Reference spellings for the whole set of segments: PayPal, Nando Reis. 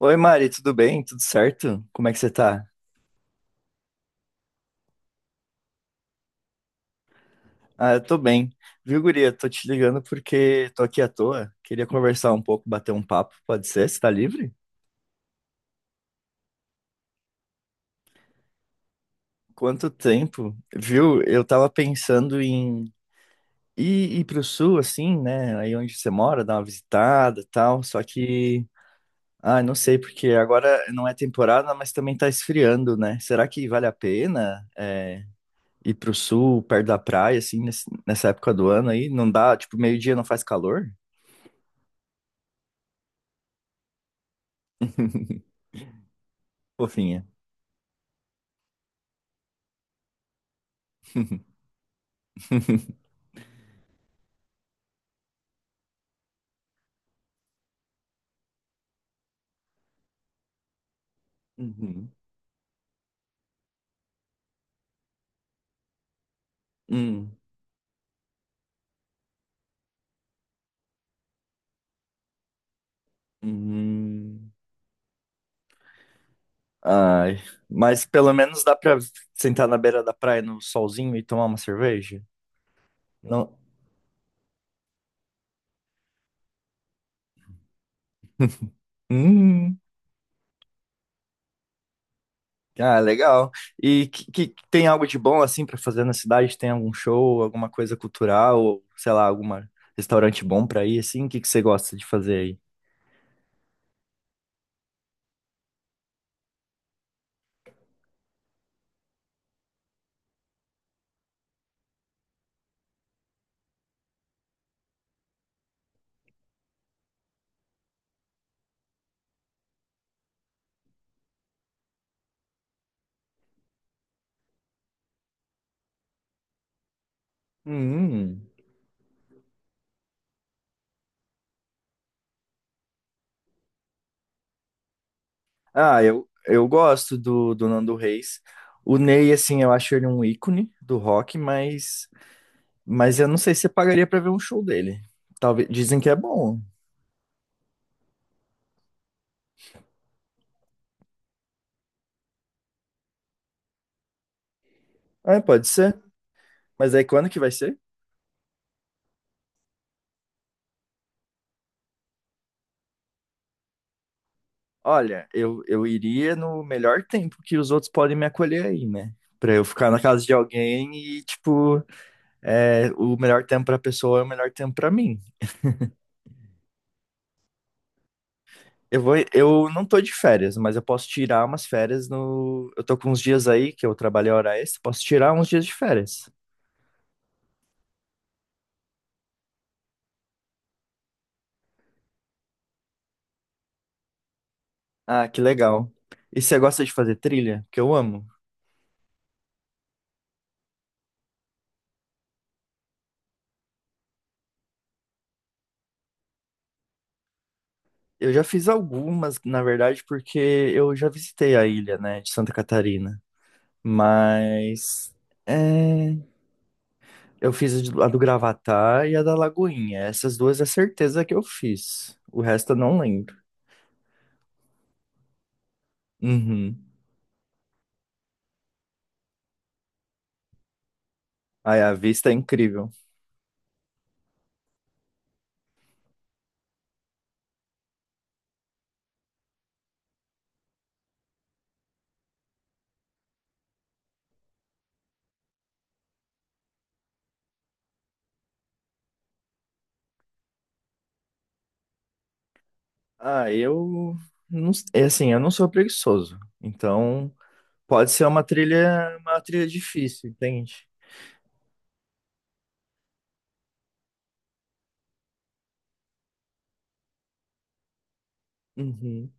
Oi, Mari, tudo bem? Tudo certo? Como é que você tá? Ah, eu tô bem. Viu, guria? Tô te ligando porque tô aqui à toa. Queria conversar um pouco, bater um papo, pode ser? Você tá livre? Quanto tempo? Viu? Eu tava pensando em ir pro sul, assim, né? Aí onde você mora, dar uma visitada e tal. Só que, ah, não sei, porque agora não é temporada, mas também tá esfriando, né? Será que vale a pena? Ir pro sul, perto da praia, assim, nessa época do ano aí, não dá, tipo, meio-dia não faz calor? Fofinha. Uhum. Hum. Uhum. Ai, mas pelo menos dá pra sentar na beira da praia no solzinho e tomar uma cerveja? Não. Hum. Ah, legal. E tem algo de bom assim pra fazer na cidade? Tem algum show, alguma coisa cultural, ou sei lá, algum restaurante bom pra ir assim? O que que você gosta de fazer aí? Hum. Ah, eu gosto do Nando Reis. O Ney, assim, eu acho ele um ícone do rock, mas eu não sei se pagaria pra ver um show dele. Talvez dizem que é bom. É, pode ser. Mas aí quando que vai ser? Olha, eu iria no melhor tempo que os outros podem me acolher aí, né? Pra eu ficar na casa de alguém e, tipo, é, o melhor tempo pra pessoa é o melhor tempo pra mim. Eu não tô de férias, mas eu posso tirar umas férias no. Eu tô com uns dias aí que eu trabalhei hora extra, posso tirar uns dias de férias. Ah, que legal. E você gosta de fazer trilha? Que eu amo. Eu já fiz algumas, na verdade, porque eu já visitei a ilha, né, de Santa Catarina. Mas é, eu fiz a do Gravatá e a da Lagoinha. Essas duas é certeza que eu fiz. O resto eu não lembro. Uhum. Ai, a vista é incrível. Ah, eu não, é assim, eu não sou preguiçoso. Então, pode ser uma trilha difícil, entende? Uhum.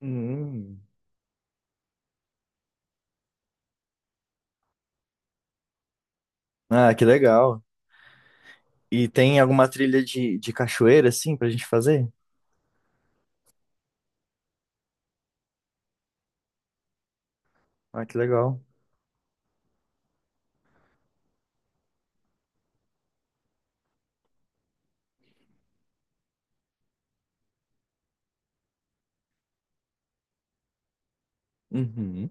Hum. Ah, que legal. E tem alguma trilha de cachoeira, assim, pra gente fazer? Ah, que legal. Uhum.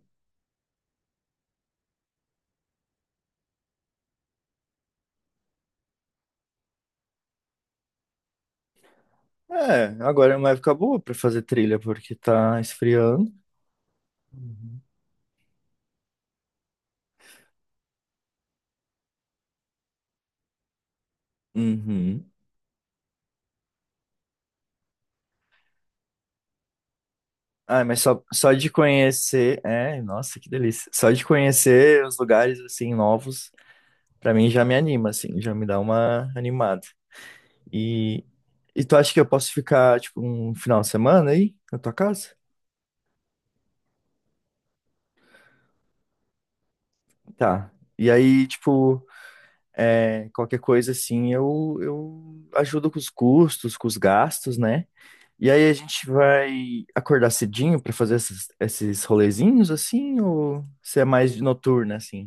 É, agora é uma época boa pra fazer trilha, porque tá esfriando. Uhum. Uhum. Ah, mas só de conhecer. É, nossa, que delícia. Só de conhecer os lugares, assim, novos, pra mim já me anima, assim, já me dá uma animada. E, e tu acha que eu posso ficar, tipo, um final de semana aí, na tua casa? Tá. E aí, tipo. É, qualquer coisa assim, eu ajudo com os custos, com os gastos, né? E aí a gente vai acordar cedinho pra fazer esses rolezinhos assim, ou você é mais de noturna assim?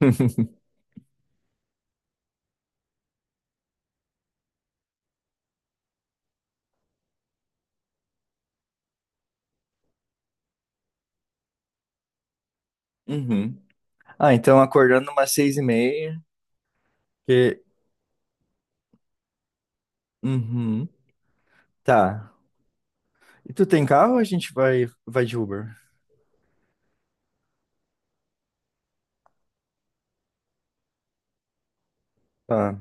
Uhum. Ah, então acordando umas seis e meia. Que... Uhum. Tá. E tu tem carro ou a gente vai de Uber? Tá.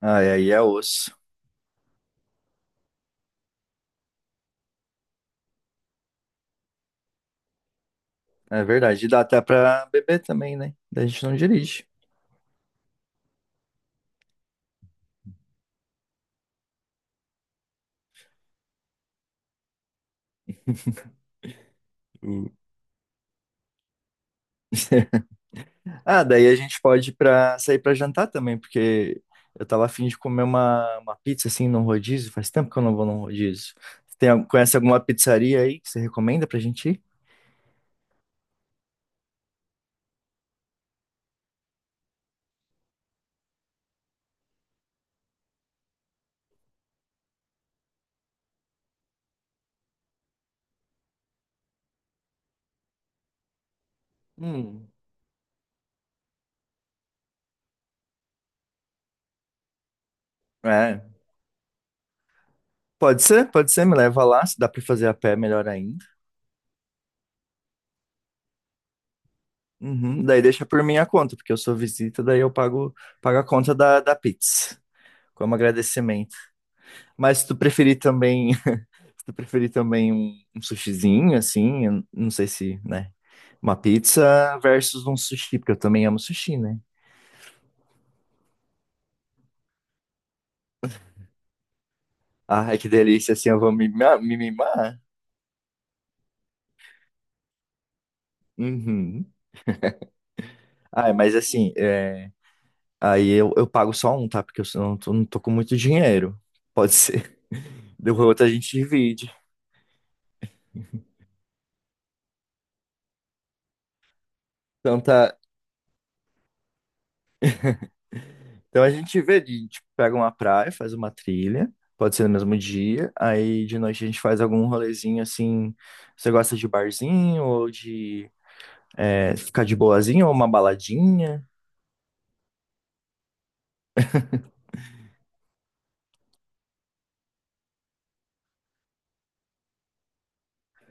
Ah, e aí é osso. É verdade. E dá até pra beber também, né? Daí a gente não dirige. Hum. Ah, daí a gente pode para sair para jantar também, porque eu tava afim de comer uma pizza assim num rodízio. Faz tempo que eu não vou num rodízio. Tem, conhece alguma pizzaria aí que você recomenda pra gente ir? Hum. É, pode ser, me leva lá, se dá pra fazer a pé, melhor ainda. Uhum, daí deixa por minha conta, porque eu sou visita, daí eu pago a conta da Pix, como agradecimento. Mas se tu preferir também, se tu preferir também um sushizinho, assim, eu não sei se, né, uma pizza versus um sushi, porque eu também amo sushi, né? Ah, é que delícia, assim, eu vou me mimar. Uhum. Ah, mas assim, é, aí eu pago só um, tá? Porque eu não não tô com muito dinheiro. Pode ser. Do outro a gente divide. Então tá, então a gente vê, a gente pega uma praia, faz uma trilha, pode ser no mesmo dia, aí de noite a gente faz algum rolezinho assim. Você gosta de barzinho ou de é, ficar de boazinha ou uma baladinha?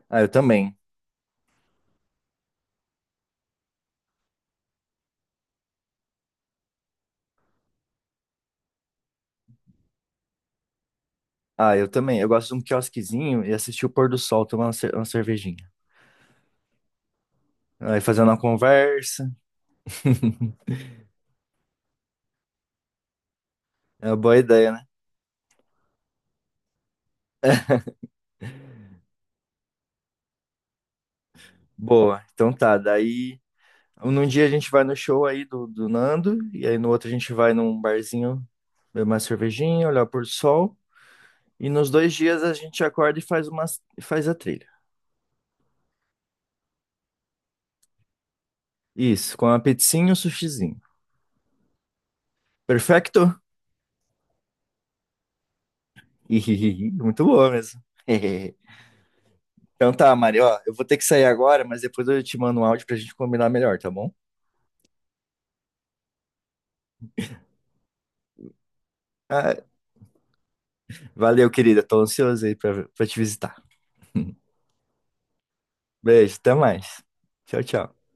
Ah, eu também. Ah, eu também. Eu gosto de um quiosquezinho e assistir o pôr do sol, tomar uma uma cervejinha. Aí fazendo uma conversa. É uma boa ideia, né? Boa. Então tá, daí num dia a gente vai no show aí do Nando, e aí no outro a gente vai num barzinho beber uma cervejinha, olhar o pôr do sol. E nos dois dias a gente acorda e faz, uma, faz a trilha. Isso, com a pizzinha e o sushizinho. Perfecto? Ihihihi, muito boa mesmo. Então tá, Mari, ó, eu vou ter que sair agora, mas depois eu te mando um áudio pra gente combinar melhor, tá bom? Ah, valeu, querida. Tô ansioso aí pra te visitar. Beijo, até mais. Tchau, tchau.